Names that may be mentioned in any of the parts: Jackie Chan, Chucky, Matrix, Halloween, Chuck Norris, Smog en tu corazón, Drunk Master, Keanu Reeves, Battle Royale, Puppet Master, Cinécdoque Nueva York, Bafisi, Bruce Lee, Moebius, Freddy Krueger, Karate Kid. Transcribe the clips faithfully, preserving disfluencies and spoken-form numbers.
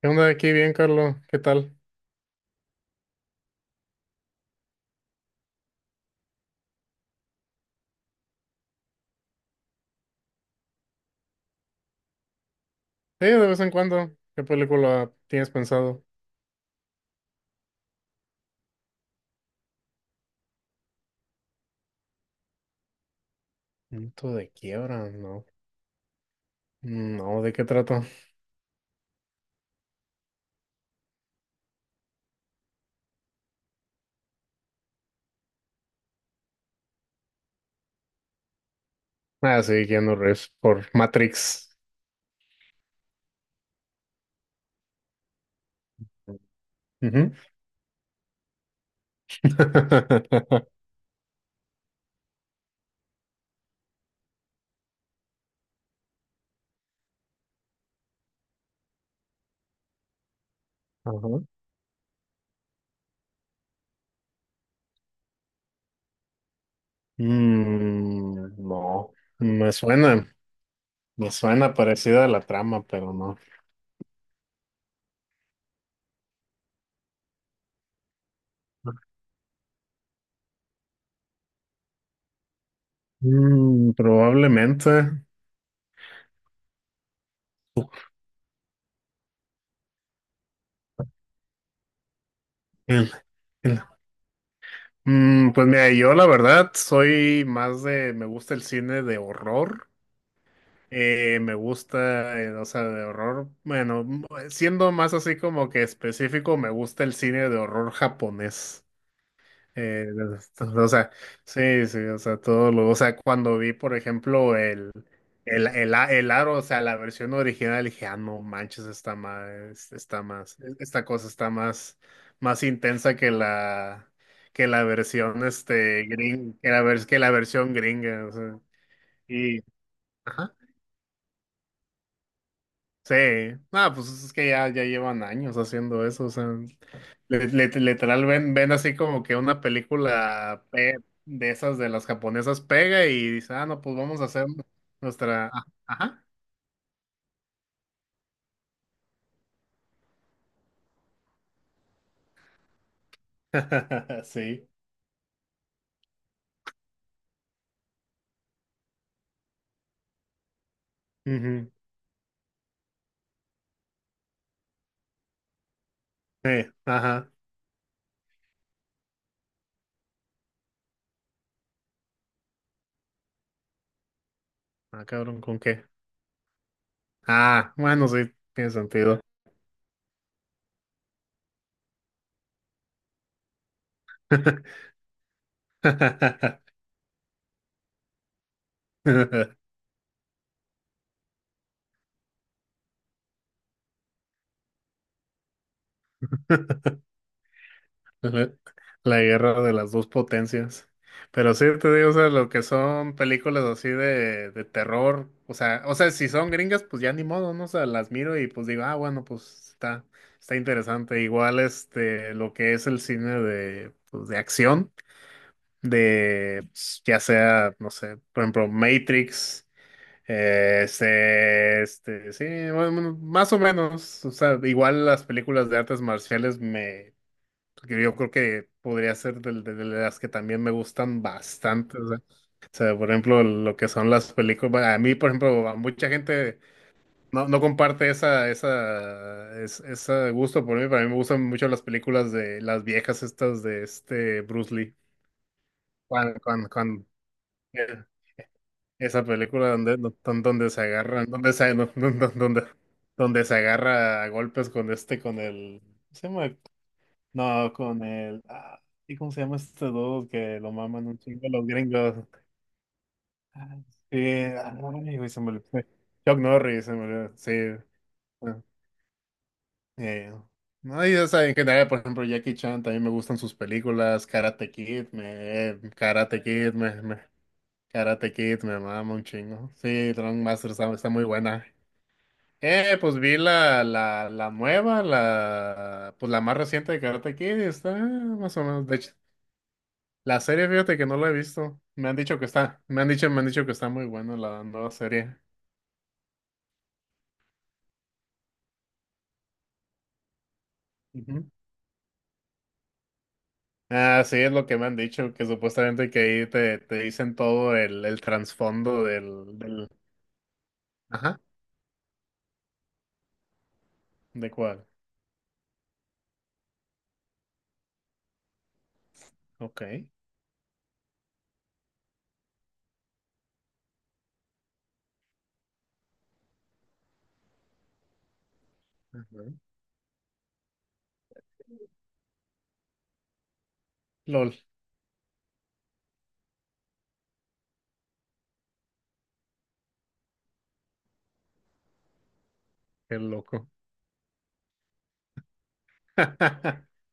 ¿Qué onda aquí? Bien, Carlos. ¿Qué tal? Sí, de vez en cuando. ¿Qué película tienes pensado? Punto de quiebra, no. No, ¿de qué trato? Ah, sí, Keanu Reeves por Matrix. Ujú. Ajá. Mm, no. Me suena. Me suena parecida a la trama, pero no. Mm, probablemente. El- el- Mm, pues mira, yo la verdad soy más de, me gusta el cine de horror. Eh, me gusta, eh, o sea, de horror. Bueno, m- siendo más así como que específico, me gusta el cine de horror japonés. Eh, de- de- o sea, sí, sí, o sea, todo lo, o sea, cuando vi, por ejemplo, el, el, el, a- el aro, o sea, la versión original, dije, ah, no manches, está más, está más, e, esta cosa está más, más intensa que la, que la versión, este, gring, que la, vers- que la versión gringa, o sea, y, ajá. Sí, nada, pues es que ya, ya llevan años haciendo eso, o sea, le- le- literal ven, ven así como que una película pe- de esas de las japonesas pega y dice, ah, no, pues vamos a hacer nuestra... ah, ajá. Sí. Ujú. Sí, ajá. Ah, cabrón, ¿con qué? Ah, bueno, sí, tiene sentido. La, la guerra de las dos potencias. Pero sí te digo, o sea, lo que son películas así de, de terror, o sea, o sea, si son gringas, pues ya ni modo, ¿no? O sea, las miro y pues digo, ah, bueno, pues está, está interesante. Igual este, lo que es el cine de, pues, de acción, de pues, ya sea, no sé, por ejemplo, Matrix, eh, este, este, sí, bueno, bueno, más o menos, o sea, igual las películas de artes marciales porque yo creo que podría ser del- de, de las que también me gustan bastante. O sea, o sea, por ejemplo, lo que son las películas. Bueno, a mí, por ejemplo, a mucha gente no, no comparte esa, esa, es- ese gusto por mí. Para mí me gustan mucho las películas de las viejas estas de este Bruce Lee. Cuando, cuando, cuando- eh, esa película donde, don- donde se agarran, donde se, donde, donde, donde se agarra a golpes con este, con el. ¿Cómo se llama? No, con el. Ah, ¿y cómo se llama este dude que lo maman un chingo los gringos? Ay, sí, ay, güey, se me olvidó. Chuck Norris, se me olvidó. Sí. ah, eh, No, y o sea, en general, por ejemplo, Jackie Chan también me gustan sus películas. Karate Kid, me. Karate Kid, me. me- Karate Kid, me mama un chingo. Sí, Drunk Master está, está muy buena. Eh, pues vi la, la, la nueva, la, pues la más reciente de Karate Kid, y está más o menos. De hecho la serie, fíjate que no la he visto. Me han dicho que está, me han dicho, me han dicho que está muy buena la nueva serie. Ujú. Ah, sí, es lo que me han dicho, que supuestamente que ahí te, te dicen todo el, el trasfondo del, del, ajá, ¿de cuál? Ok. Ajá. LOL, qué loco.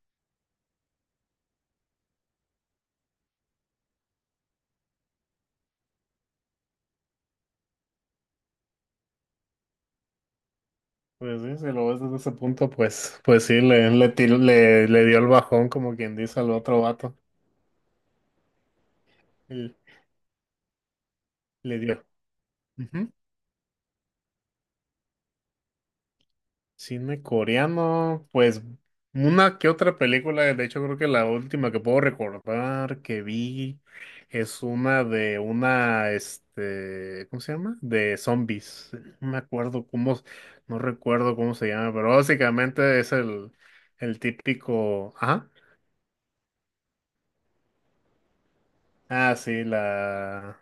Pues sí, si lo ves desde ese punto, pues, pues sí, le, le, tiró- le, le dio el bajón, como quien dice al otro vato. Y le dio. Cine coreano, pues una que otra película, de hecho creo que la última que puedo recordar que vi es una de una, este, ¿cómo se llama? De zombies. No me acuerdo cómo, no recuerdo cómo se llama, pero básicamente es el, el típico, ajá. Ah, sí, la...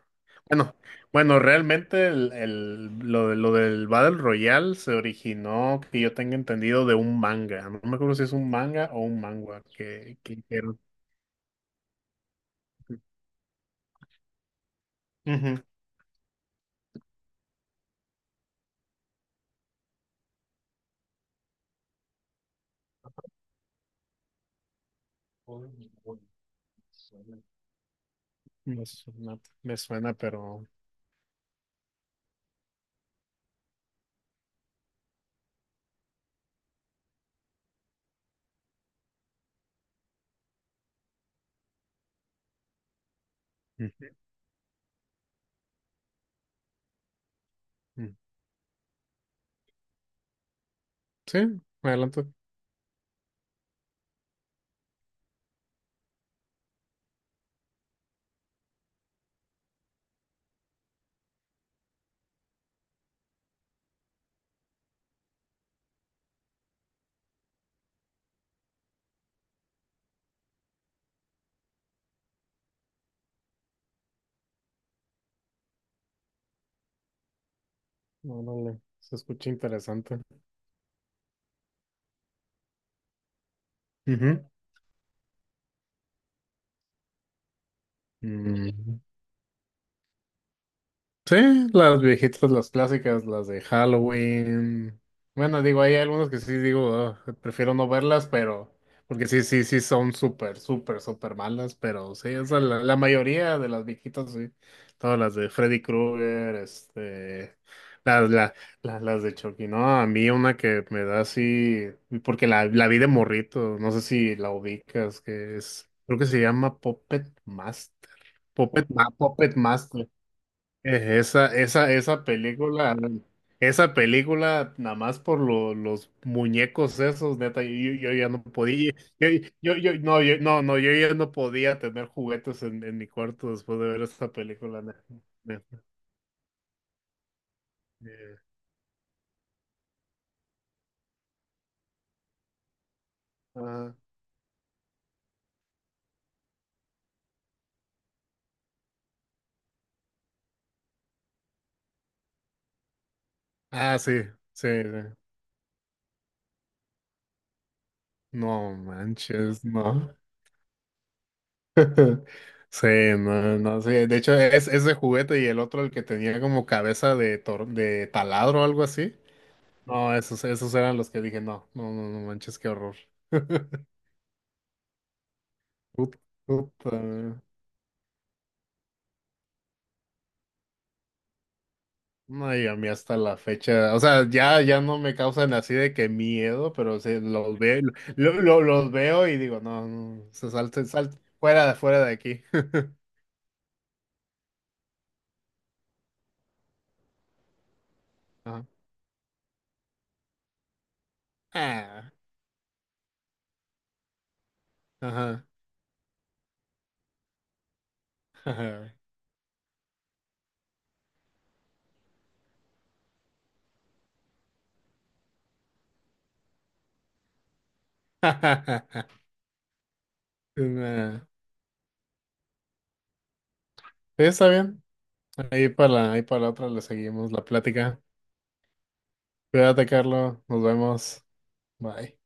Bueno, bueno, realmente el, el- lo, de- lo del Battle Royale se originó, que yo tenga entendido, de un manga. No me acuerdo si es un manga o un manga que, que hicieron. Ujú. Me suena, me suena, pero... Ujú. Mm. Sí, adelante. No, no, no, se escucha interesante. Ujú. Mm. Sí, las viejitas, las clásicas, las de Halloween. Bueno, digo, hay algunas que sí digo, "Ugh, prefiero no verlas", pero porque sí, sí, sí son súper, súper, súper malas, pero sí, o sea, la, la mayoría de las viejitas, sí. Todas las de Freddy Krueger, este, las, la- la- las de Chucky, ¿no? A mí una que me da así, porque la, la vi de morrito, no sé si la ubicas, que es, creo que se llama Puppet Master. Puppet, Ma- Puppet Master. Es Esa, esa, esa película, esa película, nada más por lo- los muñecos esos, neta, yo, yo ya no podía, yo, yo, yo- no, yo, no, no, yo ya no podía tener juguetes en, en mi cuarto después de ver esa película, neta, neta, eh, ajá. Ah, sí, sí, sí. No manches, no. Sí, no, no, sí, de hecho es ese juguete y el otro el que tenía como cabeza de, tor- de taladro o algo así. No, esos, esos eran los que dije, no, no, no, no manches, qué horror. Put- Puta. No, y a mí hasta la fecha, o sea, ya, ya no me causan así de que miedo, pero sí, los veo, lo- lo- los veo y digo, no, no, se salte, salte, fuera de, fuera de aquí. Ajá. Ah, ajá, ajá. Nah. Sí, está bien. Ahí para, ahí para la otra le seguimos la plática. Cuídate, Carlos. Nos vemos. Bye.